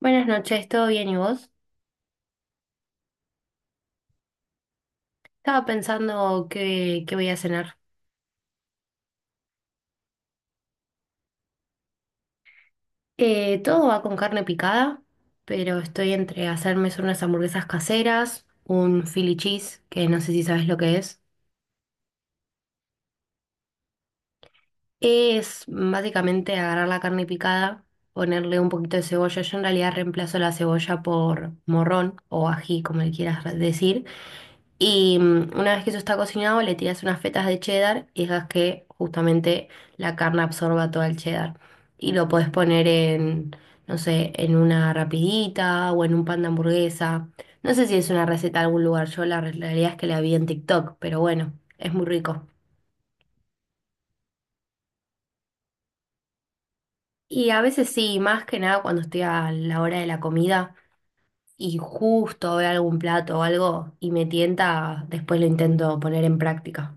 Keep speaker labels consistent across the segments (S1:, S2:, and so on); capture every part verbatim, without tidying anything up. S1: Buenas noches, ¿todo bien y vos? Estaba pensando qué, qué voy a cenar. Eh, todo va con carne picada, pero estoy entre hacerme unas hamburguesas caseras, un Philly cheese, que no sé si sabes lo que es. Es básicamente agarrar la carne picada, ponerle un poquito de cebolla. Yo en realidad reemplazo la cebolla por morrón o ají, como le quieras decir. Y mm, una vez que eso está cocinado, le tiras unas fetas de cheddar y dejas que justamente la carne absorba todo el cheddar. Y lo podés poner en, no sé, en una rapidita o en un pan de hamburguesa. No sé si es una receta de algún lugar, yo la re- la realidad es que la vi en TikTok, pero bueno, es muy rico. Y a veces sí, más que nada cuando estoy a la hora de la comida y justo veo algún plato o algo y me tienta, después lo intento poner en práctica.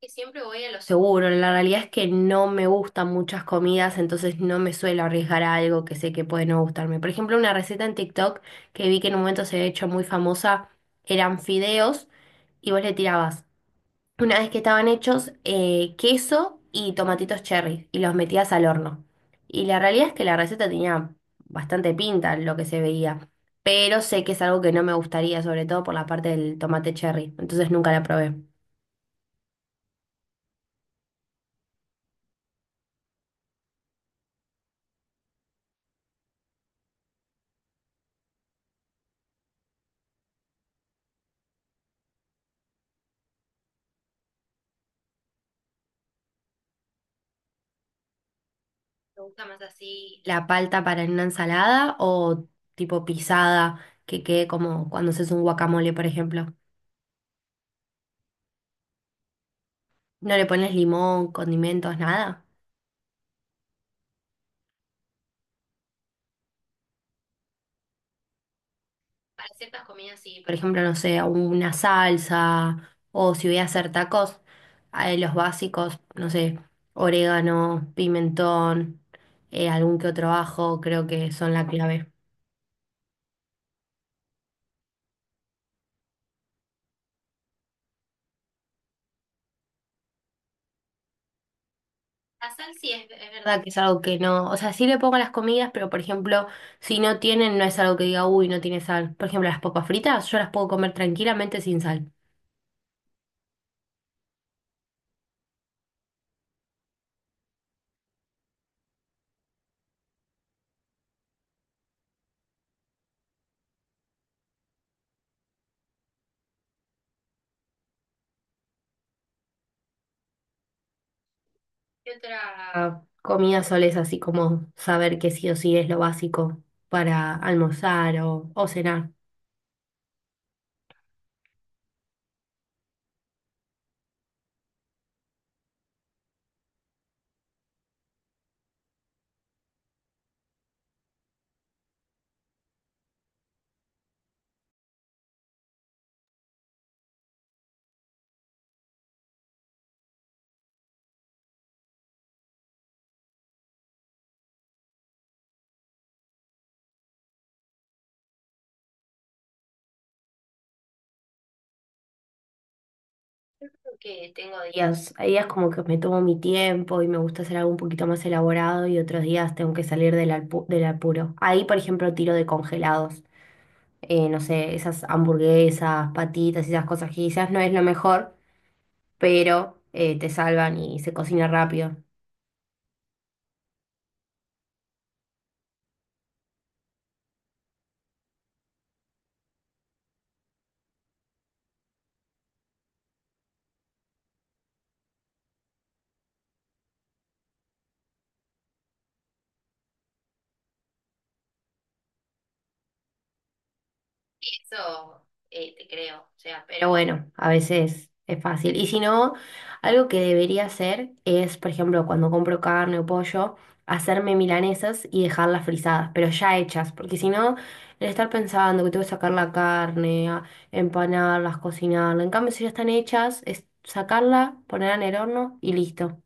S1: Que siempre voy a lo seguro. La realidad es que no me gustan muchas comidas, entonces no me suelo arriesgar a algo que sé que puede no gustarme. Por ejemplo, una receta en TikTok que vi que en un momento se había hecho muy famosa eran fideos y vos le tirabas, una vez que estaban hechos, eh, queso y tomatitos cherry y los metías al horno. Y la realidad es que la receta tenía bastante pinta lo que se veía, pero sé que es algo que no me gustaría, sobre todo por la parte del tomate cherry, entonces nunca la probé. ¿Te gusta más así la palta para en una ensalada o tipo pisada que quede como cuando haces un guacamole, por ejemplo? ¿No le pones limón, condimentos, nada? Para ciertas comidas sí, por ejemplo, no sé, una salsa o si voy a hacer tacos, eh, los básicos, no sé, orégano, pimentón, eh, algún que otro ajo, creo que son la clave. La sal sí es, es verdad que es algo que no, o sea, sí le pongo a las comidas, pero por ejemplo, si no tienen, no es algo que diga, uy, no tiene sal. Por ejemplo, las papas fritas, yo las puedo comer tranquilamente sin sal. ¿Qué otra comida solés así como saber que sí o sí es lo básico para almorzar o, o cenar? Creo Que tengo días, hay días como que me tomo mi tiempo y me gusta hacer algo un poquito más elaborado y otros días tengo que salir del, alpu- del apuro. Ahí, por ejemplo, tiro de congelados. Eh, no sé, esas hamburguesas, patitas, esas cosas que quizás no es lo mejor, pero eh, te salvan y se cocina rápido. Sí, eso, eh, te creo. O sea, Pero bueno, a veces es fácil. Y si no, algo que debería hacer es, por ejemplo, cuando compro carne o pollo, hacerme milanesas y dejarlas frisadas, pero ya hechas, porque si no, el estar pensando que tengo que sacar la carne, a- empanarlas, cocinarla. En cambio, si ya están hechas, es sacarla, ponerla en el horno y listo.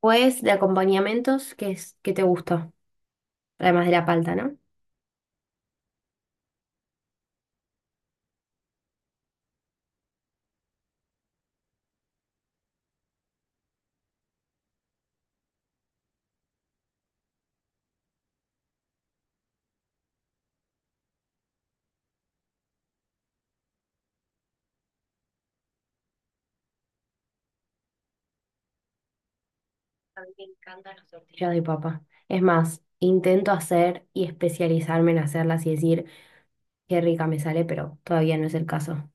S1: Pues de acompañamientos, ¿qué es, qué te gusta? Además de la palta, ¿no? A mí me encantan las tortillas de papa. Es más, intento hacer y especializarme en hacerlas y decir qué rica me sale, pero todavía no es el caso.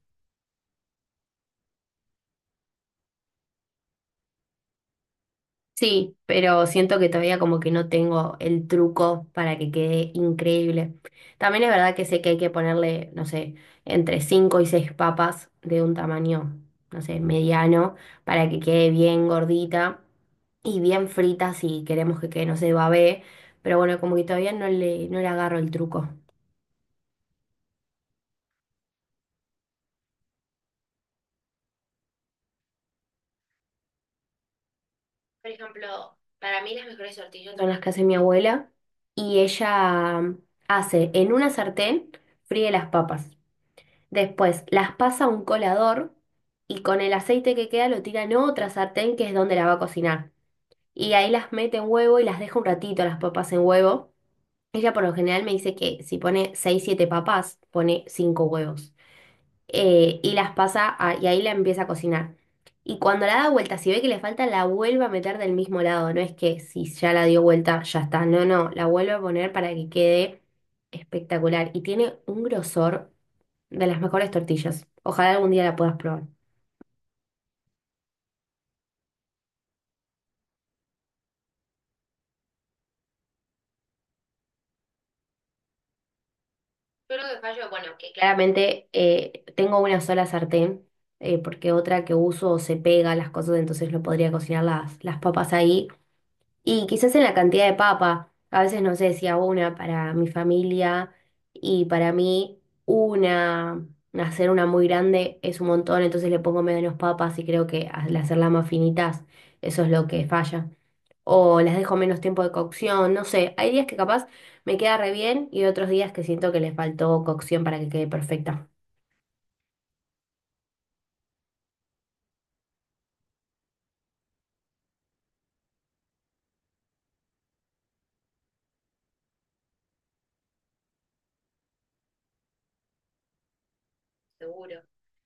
S1: Sí, pero siento que todavía como que no tengo el truco para que quede increíble. También es verdad que sé que hay que ponerle, no sé, entre cinco y seis papas de un tamaño, no sé, mediano, para que quede bien gordita y bien frita si queremos que quede, no sé, babé. Pero bueno, como que todavía no le, no le agarro el truco. Son las que hace mi abuela y ella hace en una sartén, fríe las papas. Después las pasa a un colador y con el aceite que queda lo tira en otra sartén que es donde la va a cocinar. Y ahí las mete en huevo y las deja un ratito las papas en huevo. Ella por lo general me dice que si pone seis siete papas, pone cinco huevos. Eh, y las pasa a- y ahí la empieza a cocinar. Y cuando la da vuelta, si ve que le falta, la vuelve a meter del mismo lado. No es que si ya la dio vuelta, ya está. No, no, la vuelve a poner para que quede espectacular. Y tiene un grosor de las mejores tortillas. Ojalá algún día la puedas probar. Que claramente, eh, tengo una sola sartén, eh, porque otra que uso se pega las cosas, entonces no podría cocinar las, las papas ahí. Y quizás en la cantidad de papa, a veces no sé si hago una para mi familia y para mí una, hacer una muy grande es un montón, entonces le pongo menos papas y creo que al hacerlas más finitas, eso es lo que falla. O las dejo menos tiempo de cocción, no sé, hay días que capaz me queda re bien y otros días que siento que le faltó cocción para que quede perfecta. Seguro.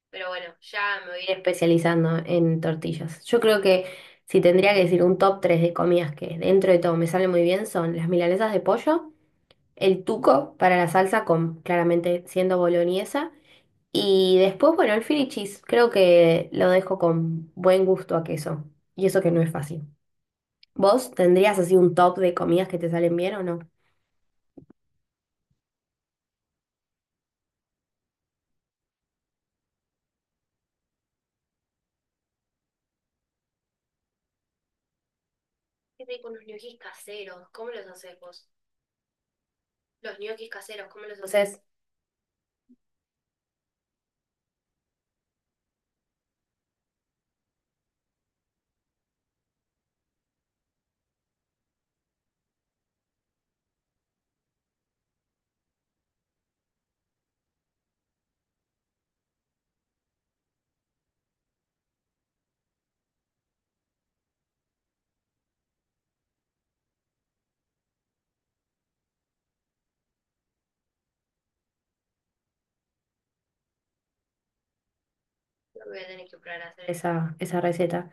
S1: Pero bueno, ya me voy a ir especializando en tortillas. Yo creo que si tendría que decir un top tres de comidas que dentro de todo me salen muy bien son las milanesas de pollo, el tuco para la salsa con claramente siendo boloñesa y después, bueno, el Philly cheese. Creo que lo dejo con buen gusto a queso y eso que no es fácil. ¿Vos tendrías así un top de comidas que te salen bien o no? Los ñoquis caseros, ¿cómo los haces? Voy a tener que probar a hacer eso, esa, esa receta.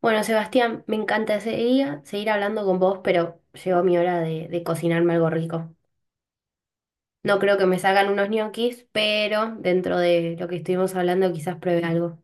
S1: Bueno, Sebastián, me encanta ese día seguir hablando con vos, pero llegó mi hora de, de cocinarme algo rico. No creo que me salgan unos ñoquis, pero dentro de lo que estuvimos hablando quizás pruebe algo.